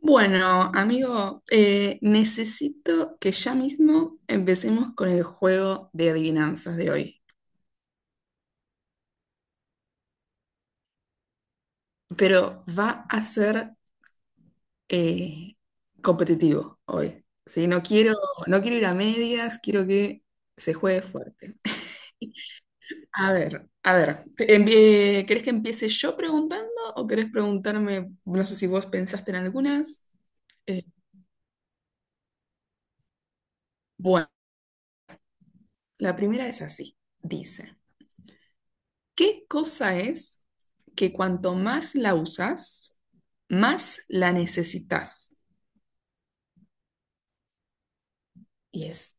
Bueno, amigo, necesito que ya mismo empecemos con el juego de adivinanzas de hoy, pero va a ser eh, competitivo hoy, ¿sí? No quiero, no quiero ir a medias, quiero que se juegue fuerte. A ver, ¿querés que empiece yo preguntando o querés preguntarme? No sé si vos pensaste en algunas. Eh, bueno, la primera es así, dice. ¿Qué cosa es que cuanto más la usas, más la necesitas? Y es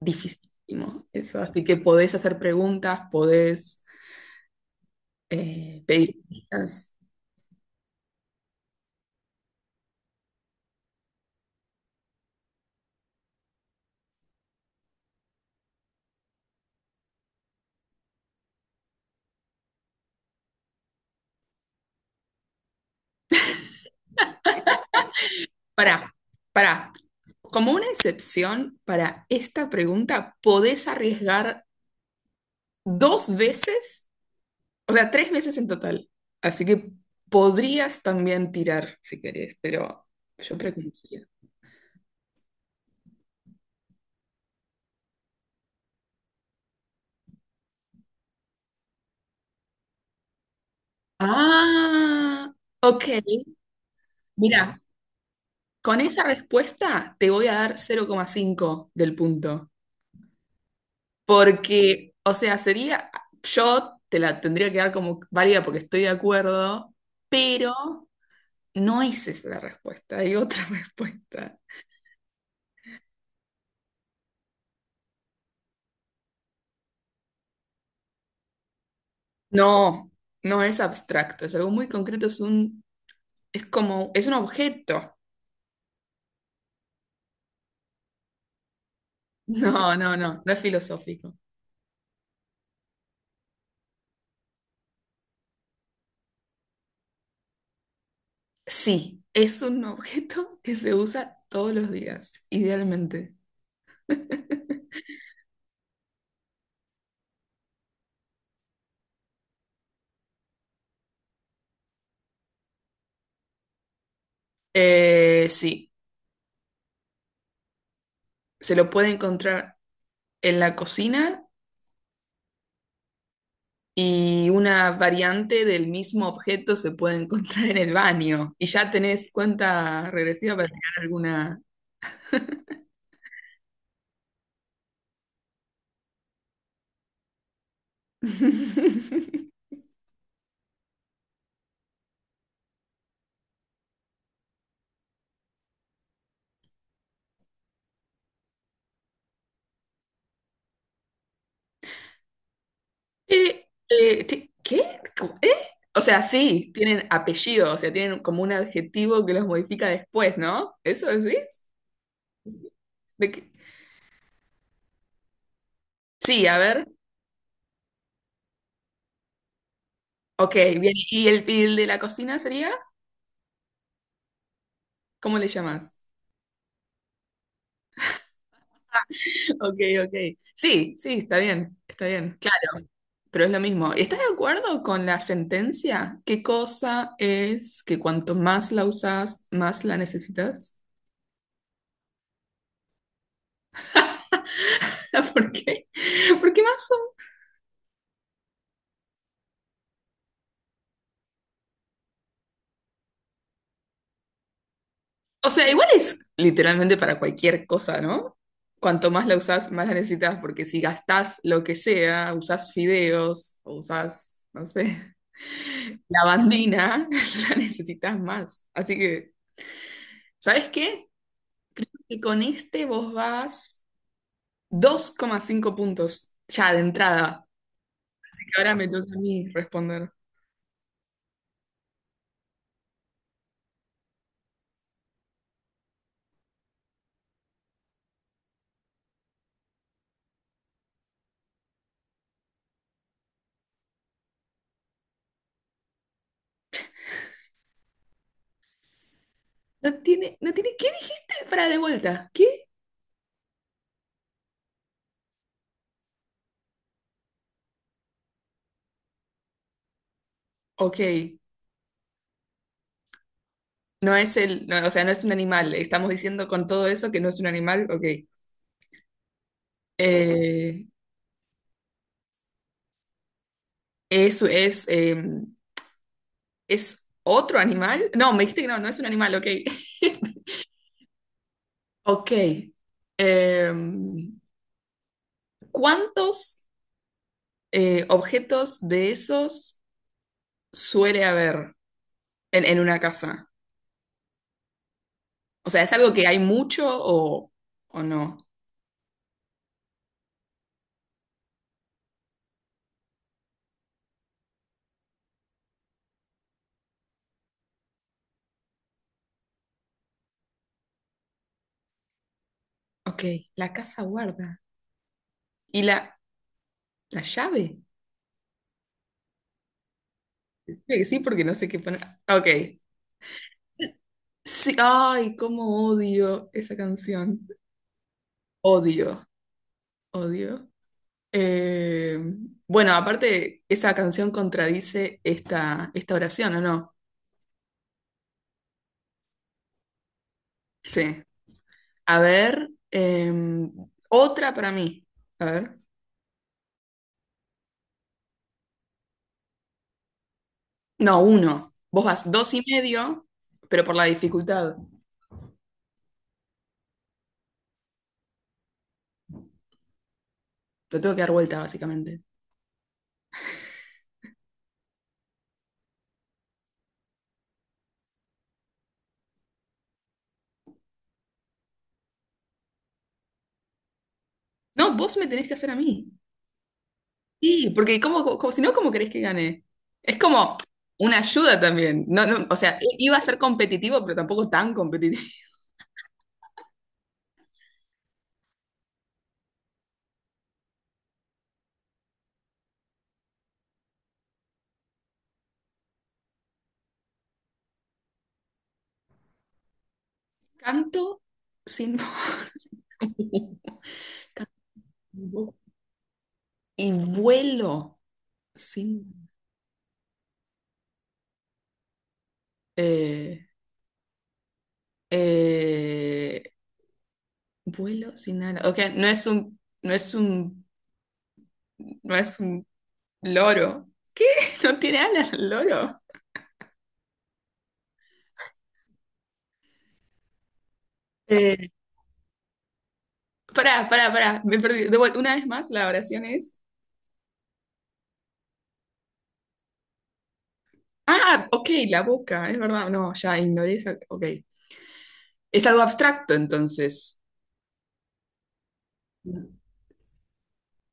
dificilísimo eso, así que podés hacer preguntas, podés pedir pistas. Pará, pará. Como una excepción para esta pregunta, podés arriesgar dos veces, o sea, tres veces en total. Así que podrías también tirar si querés, pero yo preguntaría. Ah, ok. Mira, con esa respuesta te voy a dar 0,5 del punto, porque, o sea, sería, yo te la tendría que dar como válida porque estoy de acuerdo, pero no es esa la respuesta, hay otra respuesta. No, no es abstracto, es algo muy concreto, es como, es un objeto. No, no, no, no es filosófico. Sí, es un objeto que se usa todos los días, idealmente. Sí. Se lo puede encontrar en la cocina, y una variante del mismo objeto se puede encontrar en el baño. Y ya tenés cuenta regresiva para tirar alguna. ¿Qué? ¿Cómo? ¿Eh? O sea, sí, tienen apellido, o sea, tienen como un adjetivo que los modifica después, ¿no? ¿Eso decís? ¿De qué? Sí, a ver. Ok, bien. ¿Y el de la cocina sería? ¿Cómo le llamás? Ok, ok. Sí, sí, está bien, claro, pero es lo mismo. ¿Estás de acuerdo con la sentencia? ¿Qué cosa es que cuanto más la usas, más la necesitas? ¿Por qué? ¿Por qué más? O sea, igual es literalmente para cualquier cosa, ¿no? Cuanto más la usas, más la necesitas, porque si gastás lo que sea, usás fideos o usás, no sé, lavandina, la necesitas más. Así que, ¿sabes qué? Y con este vos vas 2,5 puntos ya de entrada. Así que ahora me toca a mí responder. No tiene, no tiene, ¿qué dijiste para de vuelta? ¿Qué? Ok. No es el, no, o sea, no es un animal. Estamos diciendo con todo eso que no es un animal. Ok. Eh, es, es, eh, ¿Es otro animal? No, me dijiste que no, no es un animal. Ok. Ok. Em, ¿Cuántos objetos de esos suele haber en una casa? O sea, ¿es algo que hay mucho o no? Ok, la casa guarda. ¿Y la llave? Creo que sí, porque no sé qué poner. Ok. Sí, ay, cómo odio esa canción. Odio, odio. Eh, bueno, aparte, esa canción contradice esta oración, ¿o no? Sí. A ver, em, otra para mí. A ver. No, uno. Vos vas dos y medio, pero por la dificultad. Lo tengo que dar vuelta, básicamente. No, vos me tenés que hacer a mí. Sí, porque si no, ¿cómo querés que gane? Es como una ayuda también. No, no, o sea, iba a ser competitivo, pero tampoco tan competitivo. Canto sin voz. Canto sin voz. Y vuelo sin... eh, eh, vuelo sin alas. Ok, no es un... No es un... No es un loro. No tiene alas el loro. Eh, Pará, pará, pará. Me perdí. Una vez más, la oración es... Ah, ok, la boca, es verdad. No, ya ignoré esa. Ok. Es algo abstracto, entonces.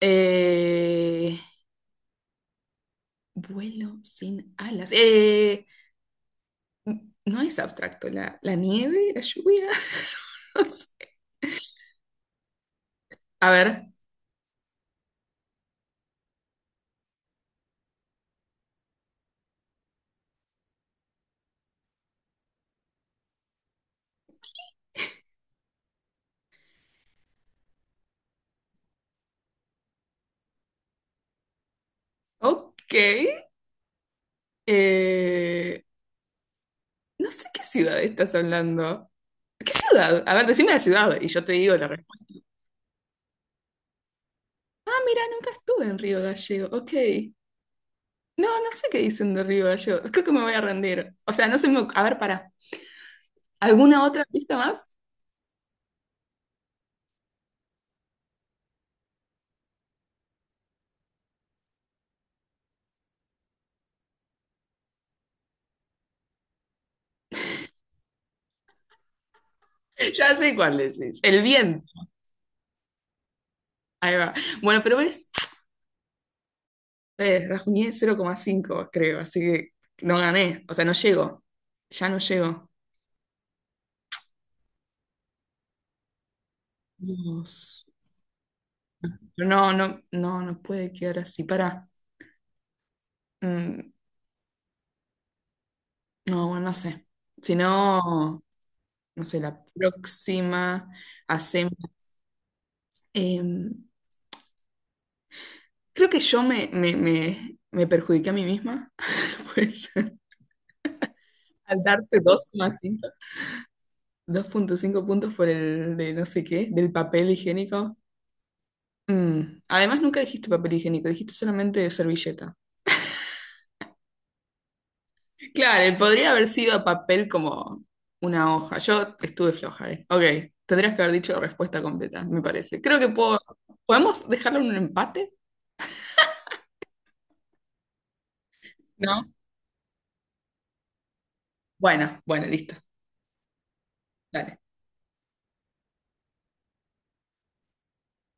Eh, Vuelo sin alas. No es abstracto. La nieve, la lluvia. No sé. A ver. Ok. Eh, no sé qué ciudad estás hablando. ¿Qué ciudad? A ver, decime la ciudad y yo te digo la respuesta. Ah, mira, nunca estuve en Río Gallego. Ok. No, no sé qué dicen de Río Gallego. Creo que me voy a rendir. O sea, no sé. A ver, pará. ¿Alguna otra pista más? Ya sé cuál decís. El viento. Ahí va. Bueno, pero ves, rajuñé 0,5 creo, así que no gané. O sea, no llego. Ya no llego. Dios. No, no, no, no puede quedar así. Para. No, bueno, no sé. Si no, no sé, la próxima hacemos. em, creo que yo me perjudiqué a mí misma. Pues, al darte 2.5 puntos por el de no sé qué, del papel higiénico. Mm. Además, nunca dijiste papel higiénico, dijiste solamente servilleta. Claro, él podría haber sido papel como una hoja. Yo estuve floja, eh. Ok, tendrías que haber dicho la respuesta completa, me parece. Creo que puedo... ¿Podemos dejarlo en un empate? ¿No? Bueno, bueno, listo. Dale.